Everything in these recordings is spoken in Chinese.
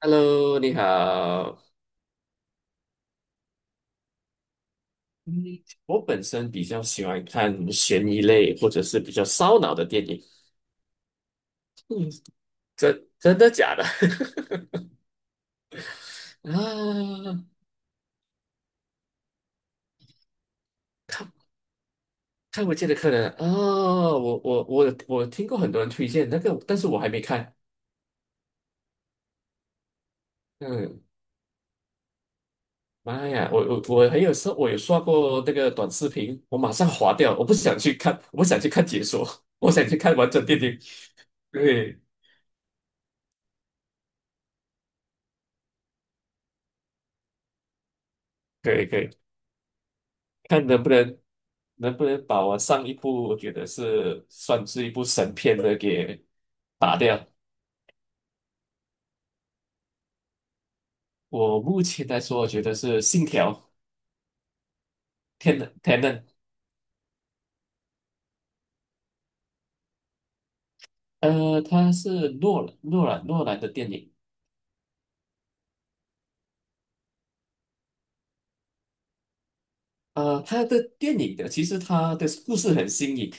Hello，你好。嗯，我本身比较喜欢看悬疑类或者是比较烧脑的电影。真的假的？啊，看不见的客人啊，我听过很多人推荐那个，但是我还没看。嗯，妈呀，我还有时候我有刷过那个短视频，我马上划掉，我不想去看，我不想去看解说，我想去看完整电影。对，可以可以，看能不能。能不能把我上一部我觉得是算是一部神片的给打掉？我目前来说，我觉得是《信条》，天能，它是诺兰的电影。他的电影的其实他的故事很新颖。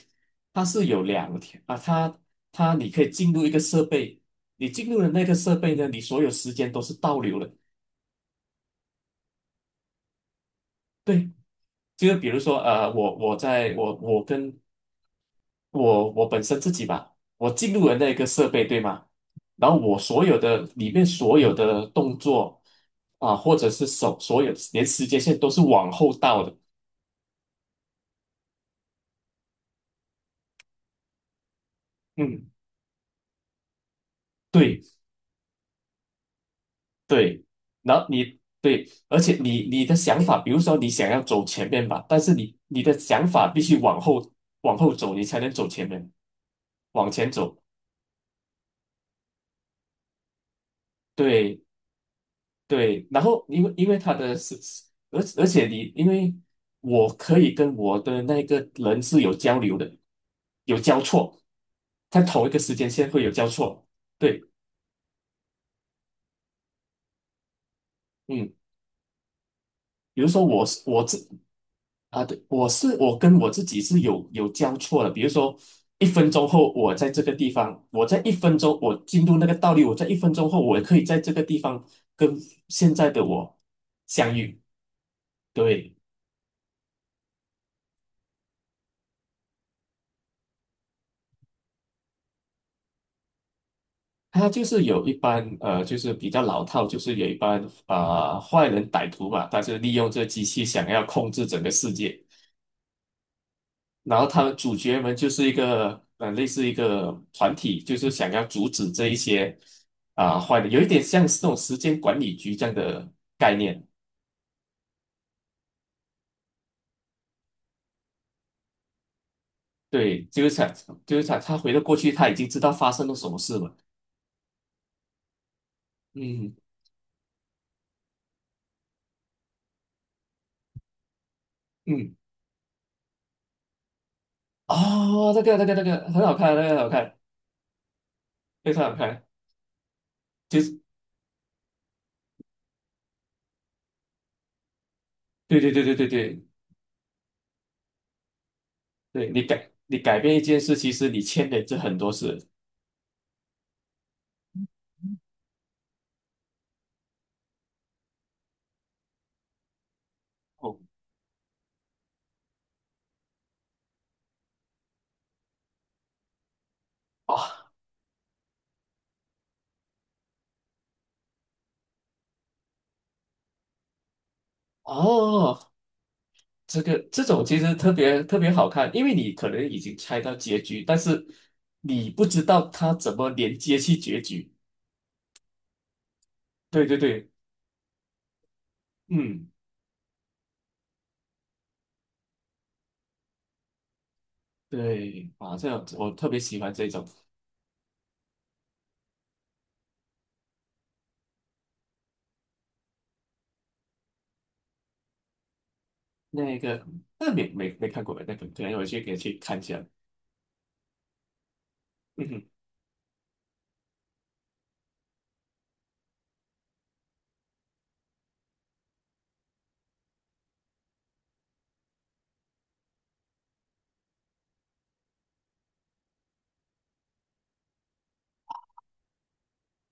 它是有2条啊，你可以进入一个设备。你进入了那个设备呢，你所有时间都是倒流的。对，就是比如说，我我在我我跟我我本身自己吧，我进入了那个设备，对吗？然后我所有的里面所有的动作啊，或者是手，所有连时间线都是往后倒的。嗯，对对。然后对，而且你的想法，比如说你想要走前面吧，但是你的想法必须往后往后走，你才能走前面，往前走。对，对，然后因为他的是，而且你因为我可以跟我的那个人是有交流的，有交错，在同一个时间线会有交错。对，嗯，比如说我是我自，啊，对，我跟我自己是有交错的。比如说一分钟后我在这个地方，我在一分钟我进入那个道理，我在一分钟后我可以在这个地方跟现在的我相遇。对。他就是有一般就是比较老套，就是有一般啊、坏人歹徒嘛，他就利用这机器想要控制整个世界。然后他们主角们就是一个类似一个团体，就是想要阻止这一些啊、坏的，有一点像是那种时间管理局这样的概念。对，就是想他回到过去，他已经知道发生了什么事了。嗯嗯，哦，那个很好看，那个很好看，非常好看，就是对对对对对对。对，你改变一件事，其实你牵连着很多事。哦哦，这种其实特别特别好看，因为你可能已经猜到结局，但是你不知道它怎么连接去结局。对对对，嗯，对，啊，这样子我特别喜欢这种。那个那没没没看过，那个可能我去看一下。嗯哼，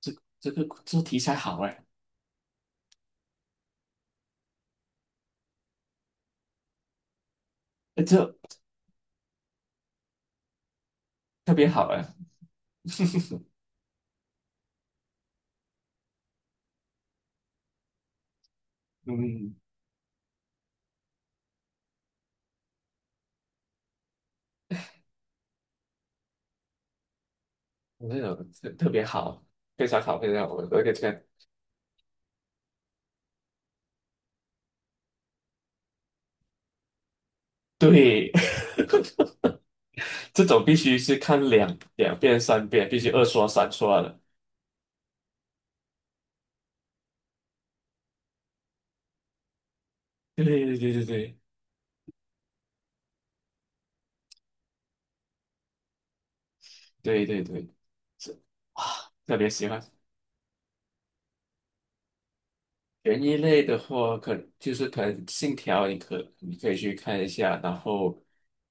这这题材好哎，哎这特别好哎，嗯，那种特别好，非常好，非常好。我我给这个对，这种必须是看两遍、3遍，必须2刷、3刷的。对对对对对对对对，是啊，特别喜欢。悬疑类的话，可就是可能《信条》，你可以去看一下。然后，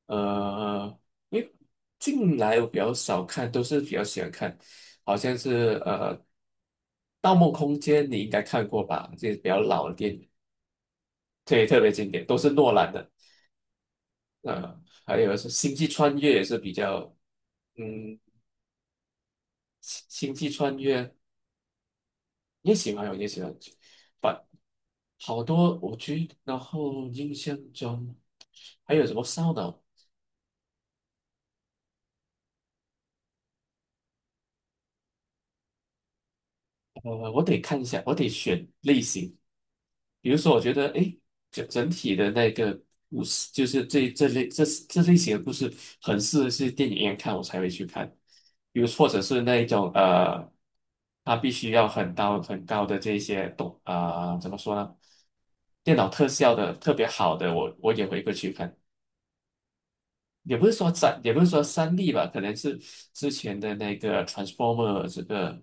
呃，因为近来我比较少看，都是比较喜欢看，好像是《盗梦空间》，你应该看过吧？这是比较老的电影，对，特别经典，都是诺兰的。呃，还有是星际穿越也是比较，嗯，星星际穿越也喜欢，我也喜欢，把好多我觉得，然后印象中还有什么烧脑。我得看一下，我得选类型。比如说，我觉得，诶，整体的那个故事，就是这类型的故事，很适合去电影院看，我才会去看。比如，或者是那一种它必须要很高很高的这些动啊、怎么说呢？电脑特效的特别好的，我也会过去看。也不是说3D 吧，可能是之前的那个 Transformer 这个。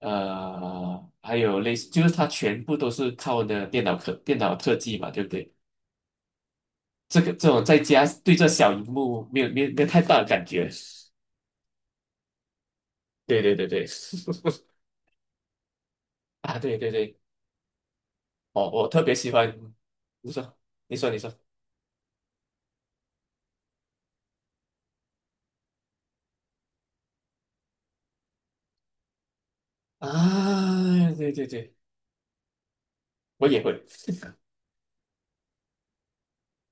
还有类似，就是它全部都是靠的电脑特技嘛，对不对？这种在家对这小荧幕没有太大的感觉 对对对对，啊对对对，哦我特别喜欢，你说你说你说，啊，对对对，我也会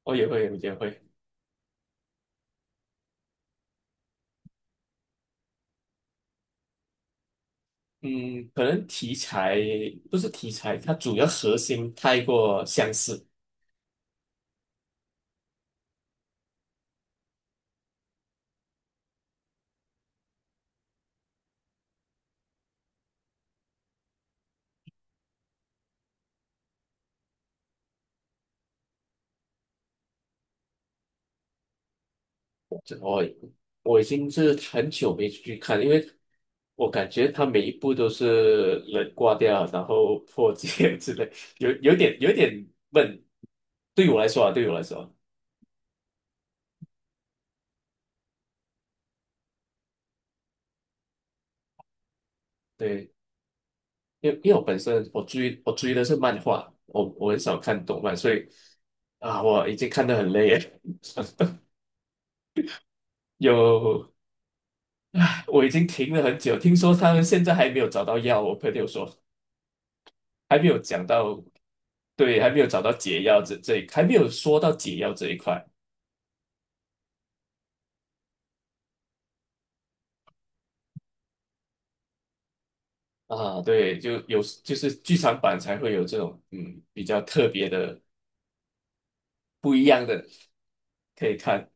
我也会，嗯，可能题材不是题材，它主要核心太过相似。这我我已经是很久没去看，因为我感觉他每一部都是人挂掉，然后破戒 之类，有点闷。对我来说啊，对我来说啊，对，因为我本身我追的是漫画，我很少看动漫，所以啊，我已经看得很累了。有，我已经停了很久，听说他们现在还没有找到药，我朋友说。还没有讲到，对，还没有找到解药这这一，还没有说到解药这一块啊，对，就是剧场版才会有这种比较特别的、不一样的可以看。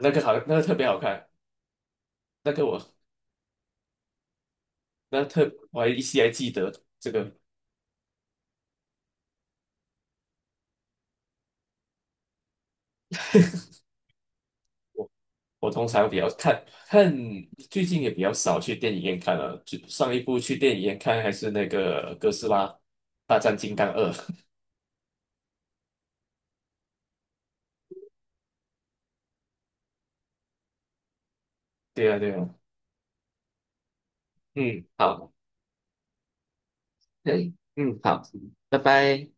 那个好，那个特别好看，那个我那特我还依稀还记得这个。我我通常比较看看最近也比较少去电影院看了，就上一部去电影院看还是那个哥斯拉大战金刚2。对啊对啊，嗯，好。对，嗯，好，拜拜。